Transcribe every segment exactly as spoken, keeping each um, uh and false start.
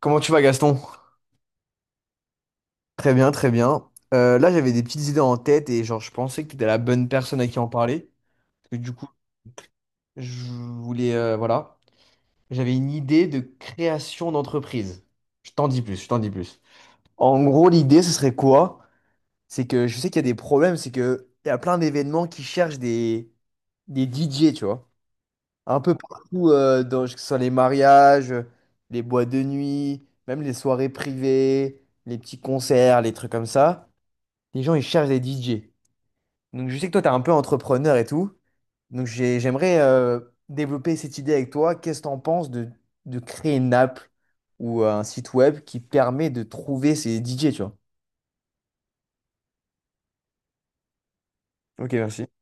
Comment tu vas, Gaston? Très bien, très bien. Euh, là, j'avais des petites idées en tête et genre, je pensais que tu étais la bonne personne à qui en parler. Parce que du coup, je voulais, euh, voilà, j'avais une idée de création d'entreprise. Je t'en dis plus, je t'en dis plus. En gros, l'idée, ce serait quoi? C'est que je sais qu'il y a des problèmes, c'est que il y a plein d'événements qui cherchent des, des D J, tu vois. Un peu partout, euh, dans, que ce soit les mariages, euh, les boîtes de nuit, même les soirées privées, les petits concerts, les trucs comme ça. Les gens, ils cherchent des D J. Donc, je sais que toi, tu es un peu entrepreneur et tout. Donc, j'ai- j'aimerais euh, développer cette idée avec toi. Qu'est-ce que tu en penses de, de créer une app ou euh, un site web qui permet de trouver ces D J, tu vois? Ok, merci.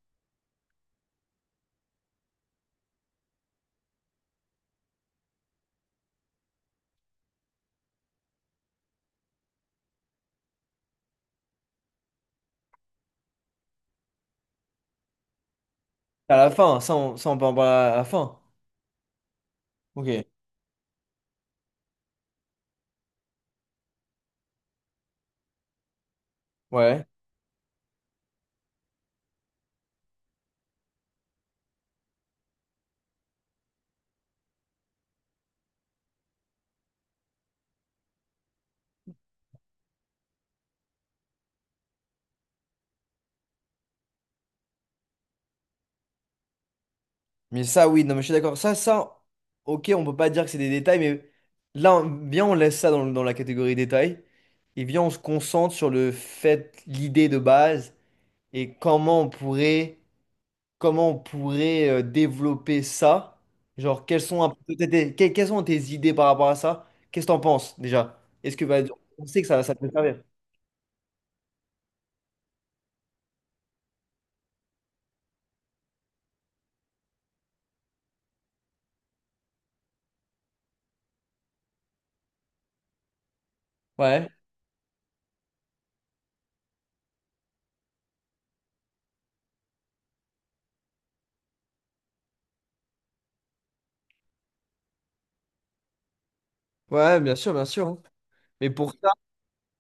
À la fin, ça on, ça, on peut en parler à la fin. Ok, ouais. Mais ça, oui, non, mais je suis d'accord. Ça, ça, ok, on peut pas dire que c'est des détails, mais là, on- viens, on laisse ça dans, dans la catégorie détails. Et viens, on se concentre sur le fait, l'idée de base, et comment on pourrait, comment on pourrait euh, développer ça. Genre, quelles sont, un peu tes- tes- que- quelles sont tes idées par rapport à ça? Qu'est-ce que t'en penses déjà? Est-ce que bah, on sait que ça, ça peut servir? Ouais. Ouais, bien sûr, bien sûr. Mais pour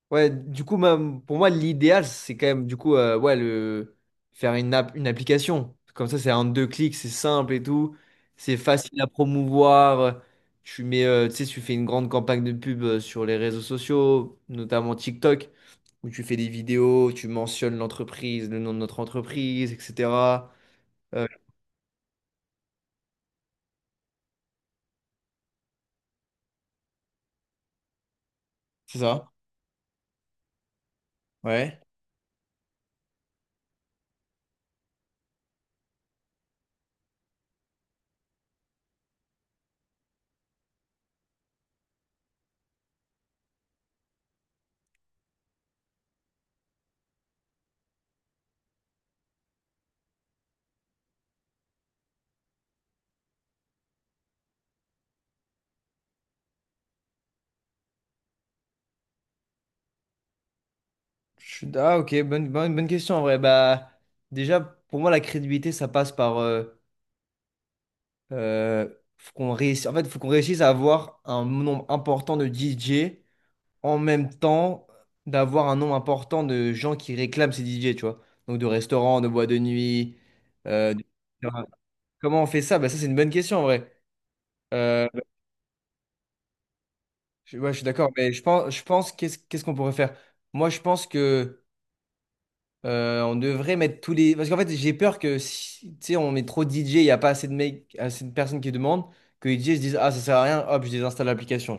Ouais, du coup, même, pour moi, l'idéal, c'est quand même, du coup, euh, ouais, le, faire une, app- une application. Comme ça, c'est en deux clics, c'est simple et tout. C'est facile à promouvoir. Tu mets, euh, tu sais, tu fais une grande campagne de pub euh, sur les réseaux sociaux, notamment TikTok, où tu fais des vidéos, tu mentionnes l'entreprise, le nom de notre entreprise, et cetera. Euh, c'est ça? Ouais. Je suis- Ah, ok, bonne, bonne, bonne question en vrai. Bah, déjà, pour moi, la crédibilité, ça passe par, euh, Euh, faut qu'on réussisse, en fait, faut qu'on réussisse à avoir un nombre important de D J en même temps d'avoir un nombre important de gens qui réclament ces D J, tu vois. Donc de restaurants, de boîtes de nuit, euh, de- comment on fait ça? Bah, ça, c'est une bonne question en vrai. Euh, je, ouais, je suis d'accord, mais je pense, je pense qu'est-ce qu'est-ce qu'on pourrait faire? Moi, je pense que euh, on devrait mettre tous les. Parce qu'en fait, j'ai peur que si tu sais, on met trop de D J, il n'y a pas assez de mecs, assez de personnes qui demandent, que les D J se disent, ah, ça sert à rien, hop, je désinstalle l'application.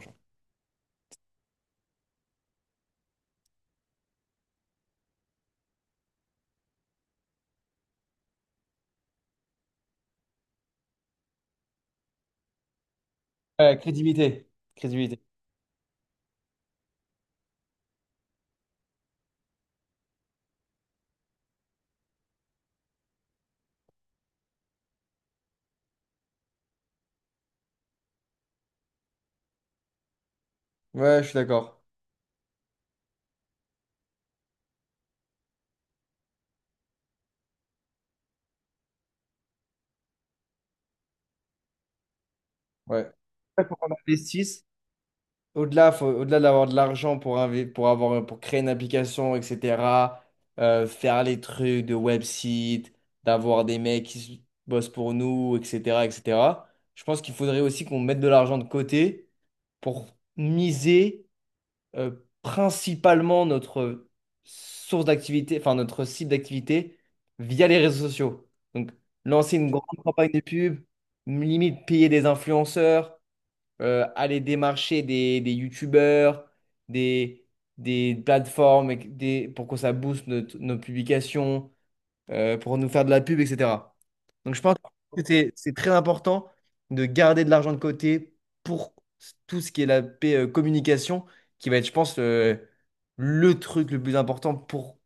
Ouais, crédibilité. Crédibilité. Ouais, je suis d'accord. Ouais. Il faut qu'on investisse. Au-delà, faut- au-delà d'avoir de l'argent pour, invi- pour avoir, pour créer une application, et cetera, euh, faire les trucs de website, d'avoir des mecs qui s- bossent pour nous, et cetera, et cetera. Je pense qu'il faudrait aussi qu'on mette de l'argent de côté pour miser, euh, principalement notre source d'activité, enfin notre site d'activité via les réseaux sociaux. Donc, lancer une grande campagne de pub, limite payer des influenceurs, euh, aller démarcher des, des youtubeurs, des, des plateformes et que- des, pour que ça booste notre- nos publications, euh, pour nous faire de la pub, et cetera. Donc je pense que c'est c'est très important de garder de l'argent de côté pour tout ce qui est la P- euh, communication, qui va être, je pense, euh, le truc le plus important pour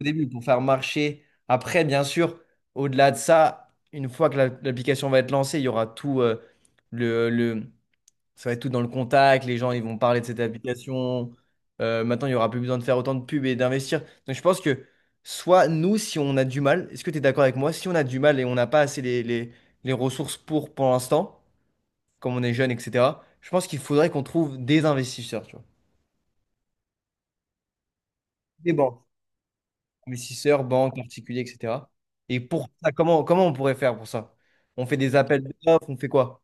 au début, pour faire marcher. Après, bien sûr, au-delà de ça, une fois que la- l'application va être lancée, il y aura tout, euh, le, le- ça va être tout dans le contact, les gens ils vont parler de cette application. Euh, maintenant, il n'y aura plus besoin de faire autant de pubs et d'investir. Donc je pense que soit nous, si on a du mal, est-ce que tu es d'accord avec moi? Si on a du mal et on n'a pas assez les, les, les ressources pour pour l'instant, comme on est jeune, et cetera, je pense qu'il faudrait qu'on trouve des investisseurs, tu vois. Des banques. Investisseurs, banques, particuliers, et cetera. Et pour ça, comment, comment on pourrait faire pour ça? On fait des appels d'offres, on fait quoi?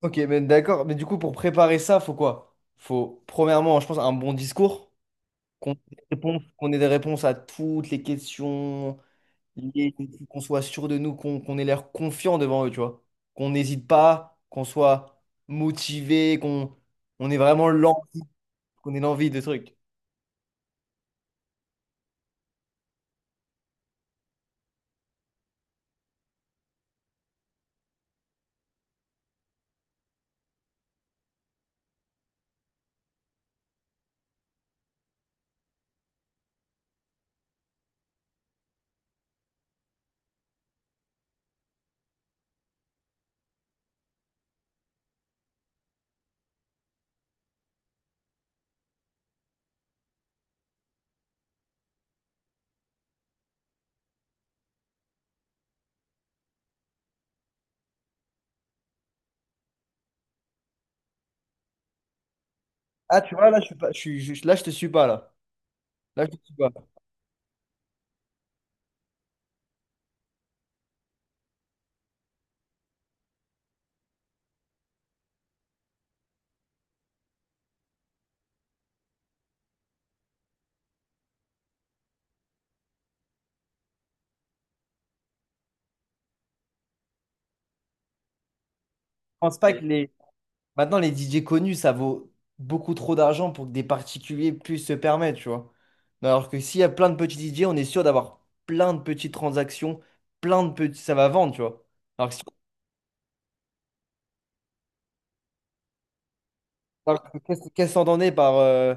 Ok, mais d'accord. Mais du coup, pour préparer ça, faut quoi? Faut, premièrement, je pense, un bon discours, qu'on ait des réponses, qu'on ait des réponses à toutes les questions, liées, qu'on soit sûr de nous, qu'on qu'on ait l'air confiant devant eux, tu vois. Qu'on n'hésite pas, qu'on soit motivé, qu'on on ait vraiment l'envie, qu'on ait l'envie de trucs. Ah, tu vois, là, je suis pas, je suis, je- là, je te suis pas, là. Là, je te suis pas. Je pense pas que les... Maintenant, les D J connus, ça vaut beaucoup trop d'argent pour que des particuliers puissent se permettre, tu vois. Alors que s'il y a plein de petits D J, on est sûr d'avoir plein de petites transactions, plein de petits... Ça va vendre, tu vois. Alors que si Alors, Qu'est-ce qu'est-ce qu'on entendait par, euh,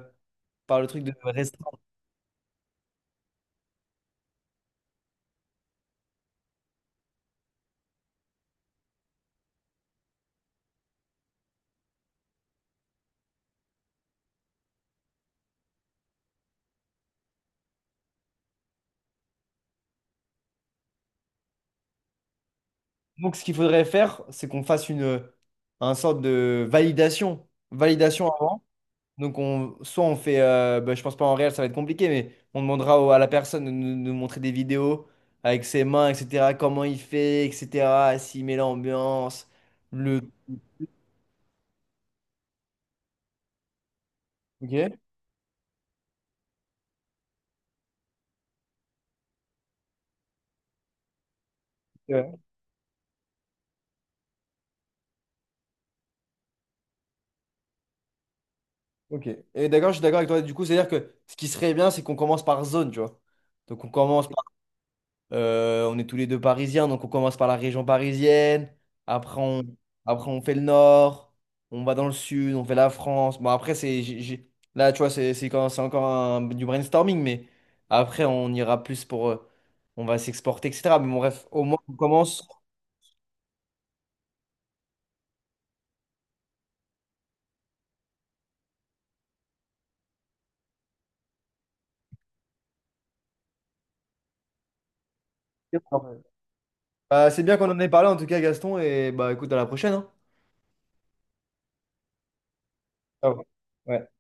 par le truc de restaurant? Donc, ce qu'il faudrait faire, c'est qu'on fasse une, un sorte de validation. Validation. Avant. Donc, on, soit on fait, euh, bah, je pense pas en réel, ça va être compliqué, mais on demandera au- à la personne de nous, nous montrer des vidéos avec ses mains, et cetera. Comment il fait, et cetera. S'il met l'ambiance, le. Ok. Ouais. Ok. Et d'accord, je suis d'accord avec toi. Du coup, c'est-à-dire que ce qui serait bien, c'est qu'on commence par zone, tu vois. Donc, on commence Euh, on est tous les deux parisiens, donc on commence par la région parisienne. Après, on, après, on fait le nord. On va dans le sud, on fait la France. Bon, après, c'est, j'ai- j'ai- là, tu vois, c'est c'est quand- c'est encore un- du brainstorming, mais après, on ira plus pour, euh, on va s'exporter, et cetera. Mais bon, bref, au moins, on commence. Ouais. Bah, c'est bien qu'on en ait parlé, en tout cas, Gaston. Et bah, écoute, à la prochaine, hein. Ciao. Ouais.